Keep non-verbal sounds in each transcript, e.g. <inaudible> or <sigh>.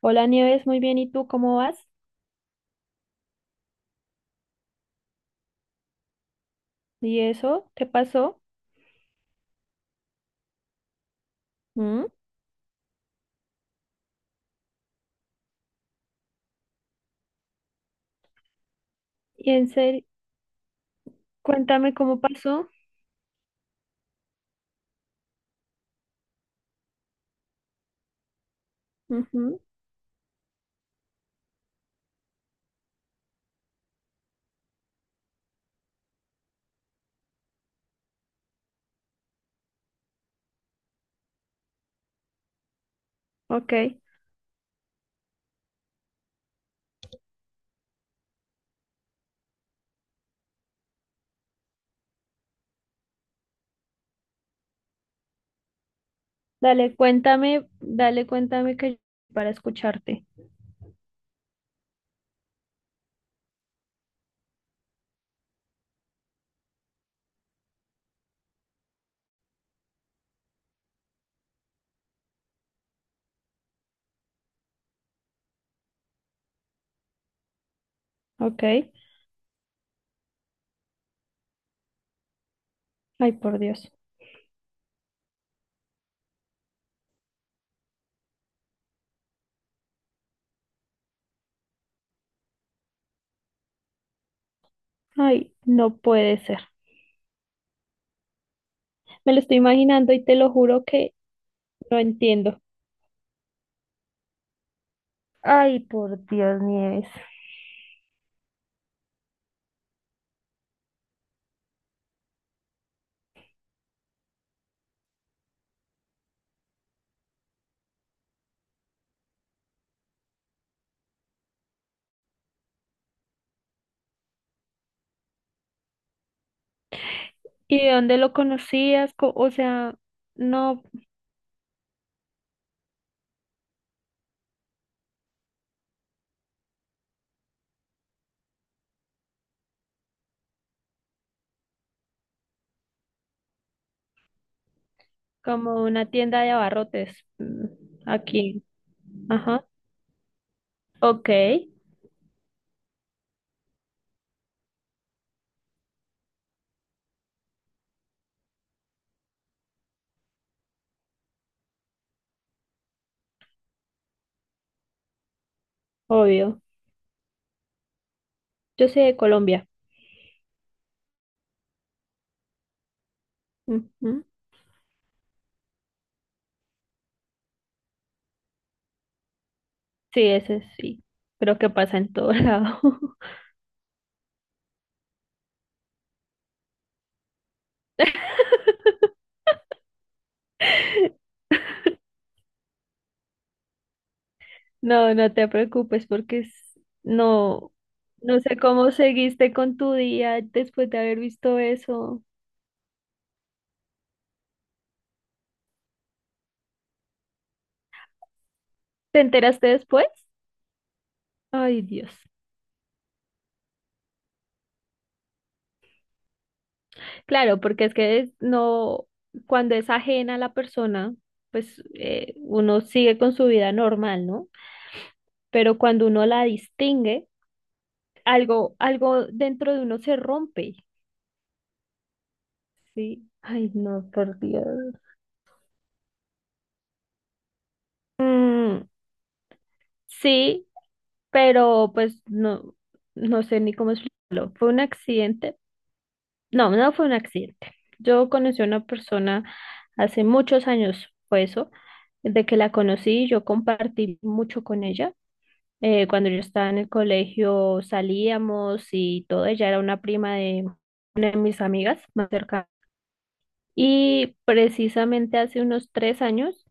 Hola Nieves, muy bien. ¿Y tú cómo vas? ¿Y eso te pasó? ¿Mm? Y en serio, cuéntame cómo pasó. Ujú. Ok. Dale, cuéntame que para escucharte. Ok. Ay, por Dios. Ay, no puede ser. Me lo estoy imaginando y te lo juro que no entiendo. Ay, por Dios, Nieves. ¿Y de dónde lo conocías? Co- O sea, no, como una tienda de abarrotes aquí. Ajá. Ok, obvio. Yo soy de Colombia. Ujú. Sí, ese sí. Creo que pasa en todo <laughs> lado. No, no te preocupes porque es- no, no sé cómo seguiste con tu día después de haber visto eso. ¿Te enteraste después? Ay, Dios. Claro, porque es que es- no, cuando es ajena a la persona, pues uno sigue con su vida normal, ¿no? Pero cuando uno la distingue, algo dentro de uno se rompe, ¿sí? Ay, no, por Dios. Mm, sí, pero pues no, no sé ni cómo explicarlo. Fue un accidente. No, no fue un accidente. Yo conocí a una persona hace muchos años, fue eso, de que la conocí, yo compartí mucho con ella. Cuando yo estaba en el colegio salíamos y todo, ella era una prima de una de mis amigas más cercanas. Y precisamente hace unos 3 años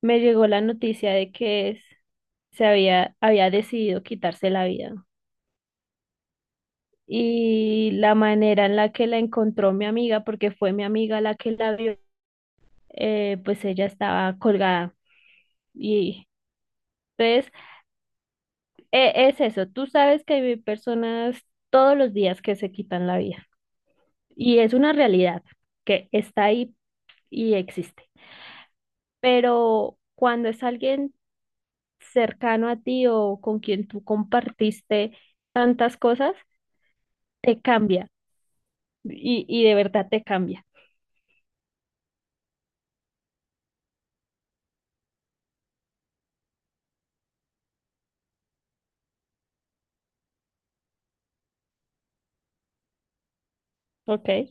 me llegó la noticia de que se había, había decidido quitarse la vida. Y la manera en la que la encontró mi amiga, porque fue mi amiga la que la vio, pues ella estaba colgada. Y entonces, es eso, tú sabes que hay personas todos los días que se quitan la vida y es una realidad que está ahí y existe. Pero cuando es alguien cercano a ti o con quien tú compartiste tantas cosas, te cambia y de verdad te cambia. Ok.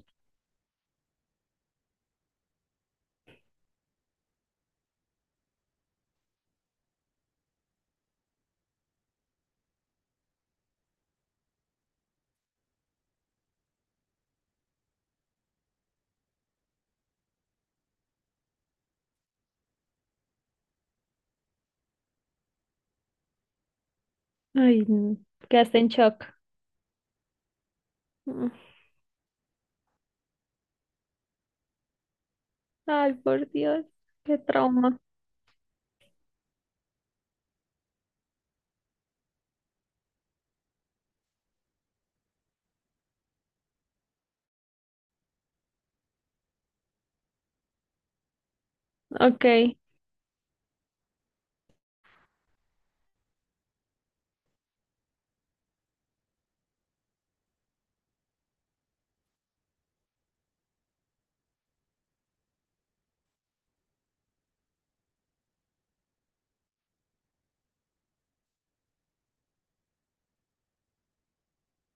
Ay, no, quedaste en shock. Ay, por Dios, qué trauma. Ok. Y,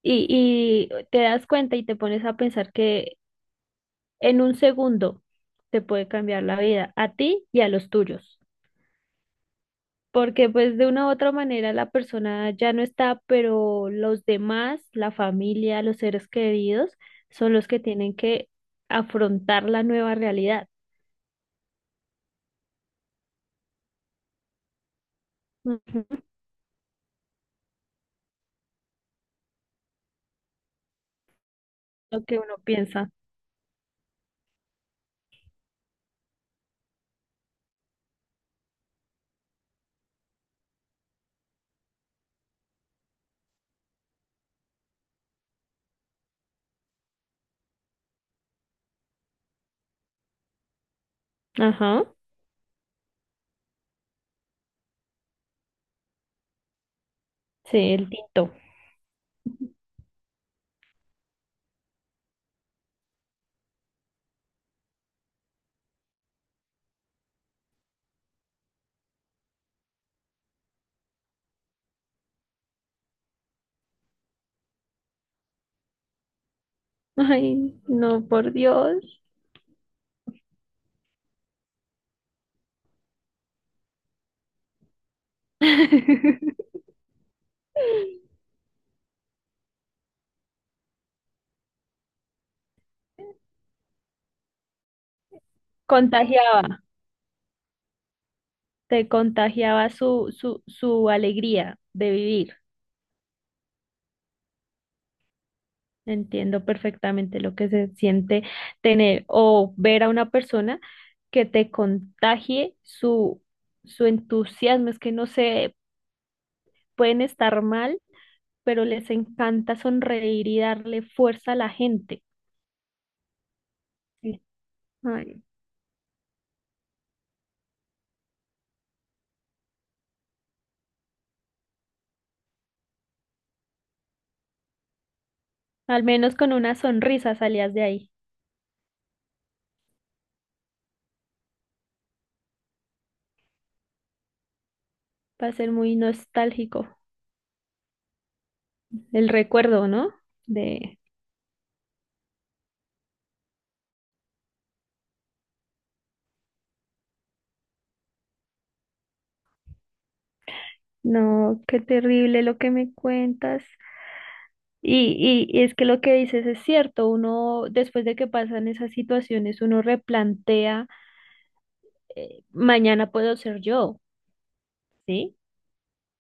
y te das cuenta y te pones a pensar que en un segundo te puede cambiar la vida a ti y a los tuyos. Porque pues de una u otra manera la persona ya no está, pero los demás, la familia, los seres queridos, son los que tienen que afrontar la nueva realidad. Ujú. Lo que uno piensa. Ajá. Sí, el tinto. Ay, no, por Dios. <laughs> Contagiaba. Te contagiaba su alegría de vivir. Entiendo perfectamente lo que se siente tener o ver a una persona que te contagie su entusiasmo. Es que no sé, pueden estar mal, pero les encanta sonreír y darle fuerza a la gente. Sí. Ay, al menos con una sonrisa salías de ahí. Va a ser muy nostálgico el recuerdo, ¿no? De, no, qué terrible lo que me cuentas. Y es que lo que dices es cierto, uno después de que pasan esas situaciones, uno replantea, mañana puedo ser yo, ¿sí?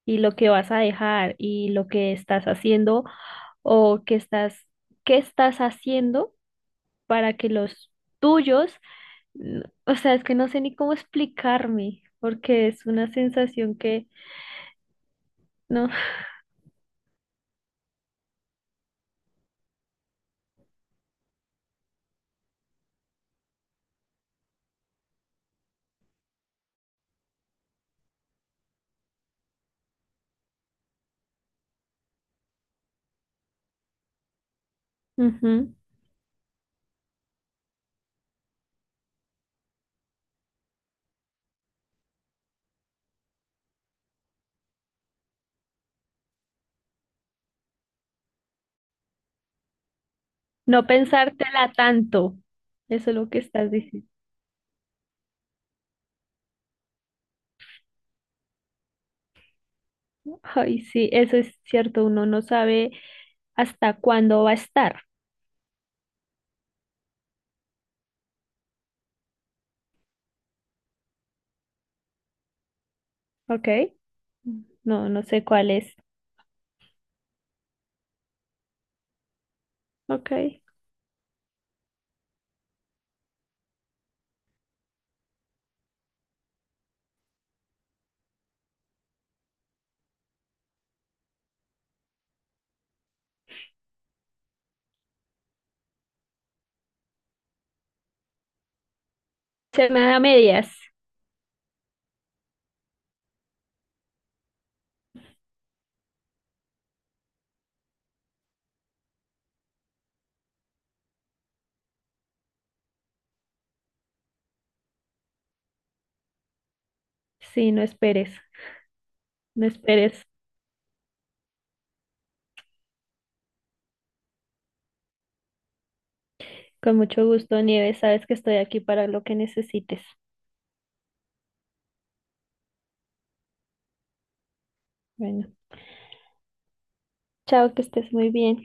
Y lo que vas a dejar y lo que estás haciendo o que estás, qué estás haciendo para que los tuyos, n- o sea, es que no sé ni cómo explicarme, porque es una sensación que no, <laughs> ujú, no pensártela tanto, eso es lo que estás diciendo. Ay, sí, eso es cierto, uno no sabe hasta cuándo va a estar. Ok. No, no sé cuál es. Ok. Semana a medias. Sí, no esperes, no esperes. Con mucho gusto, Nieves, sabes que estoy aquí para lo que necesites. Bueno, chao, que estés muy bien.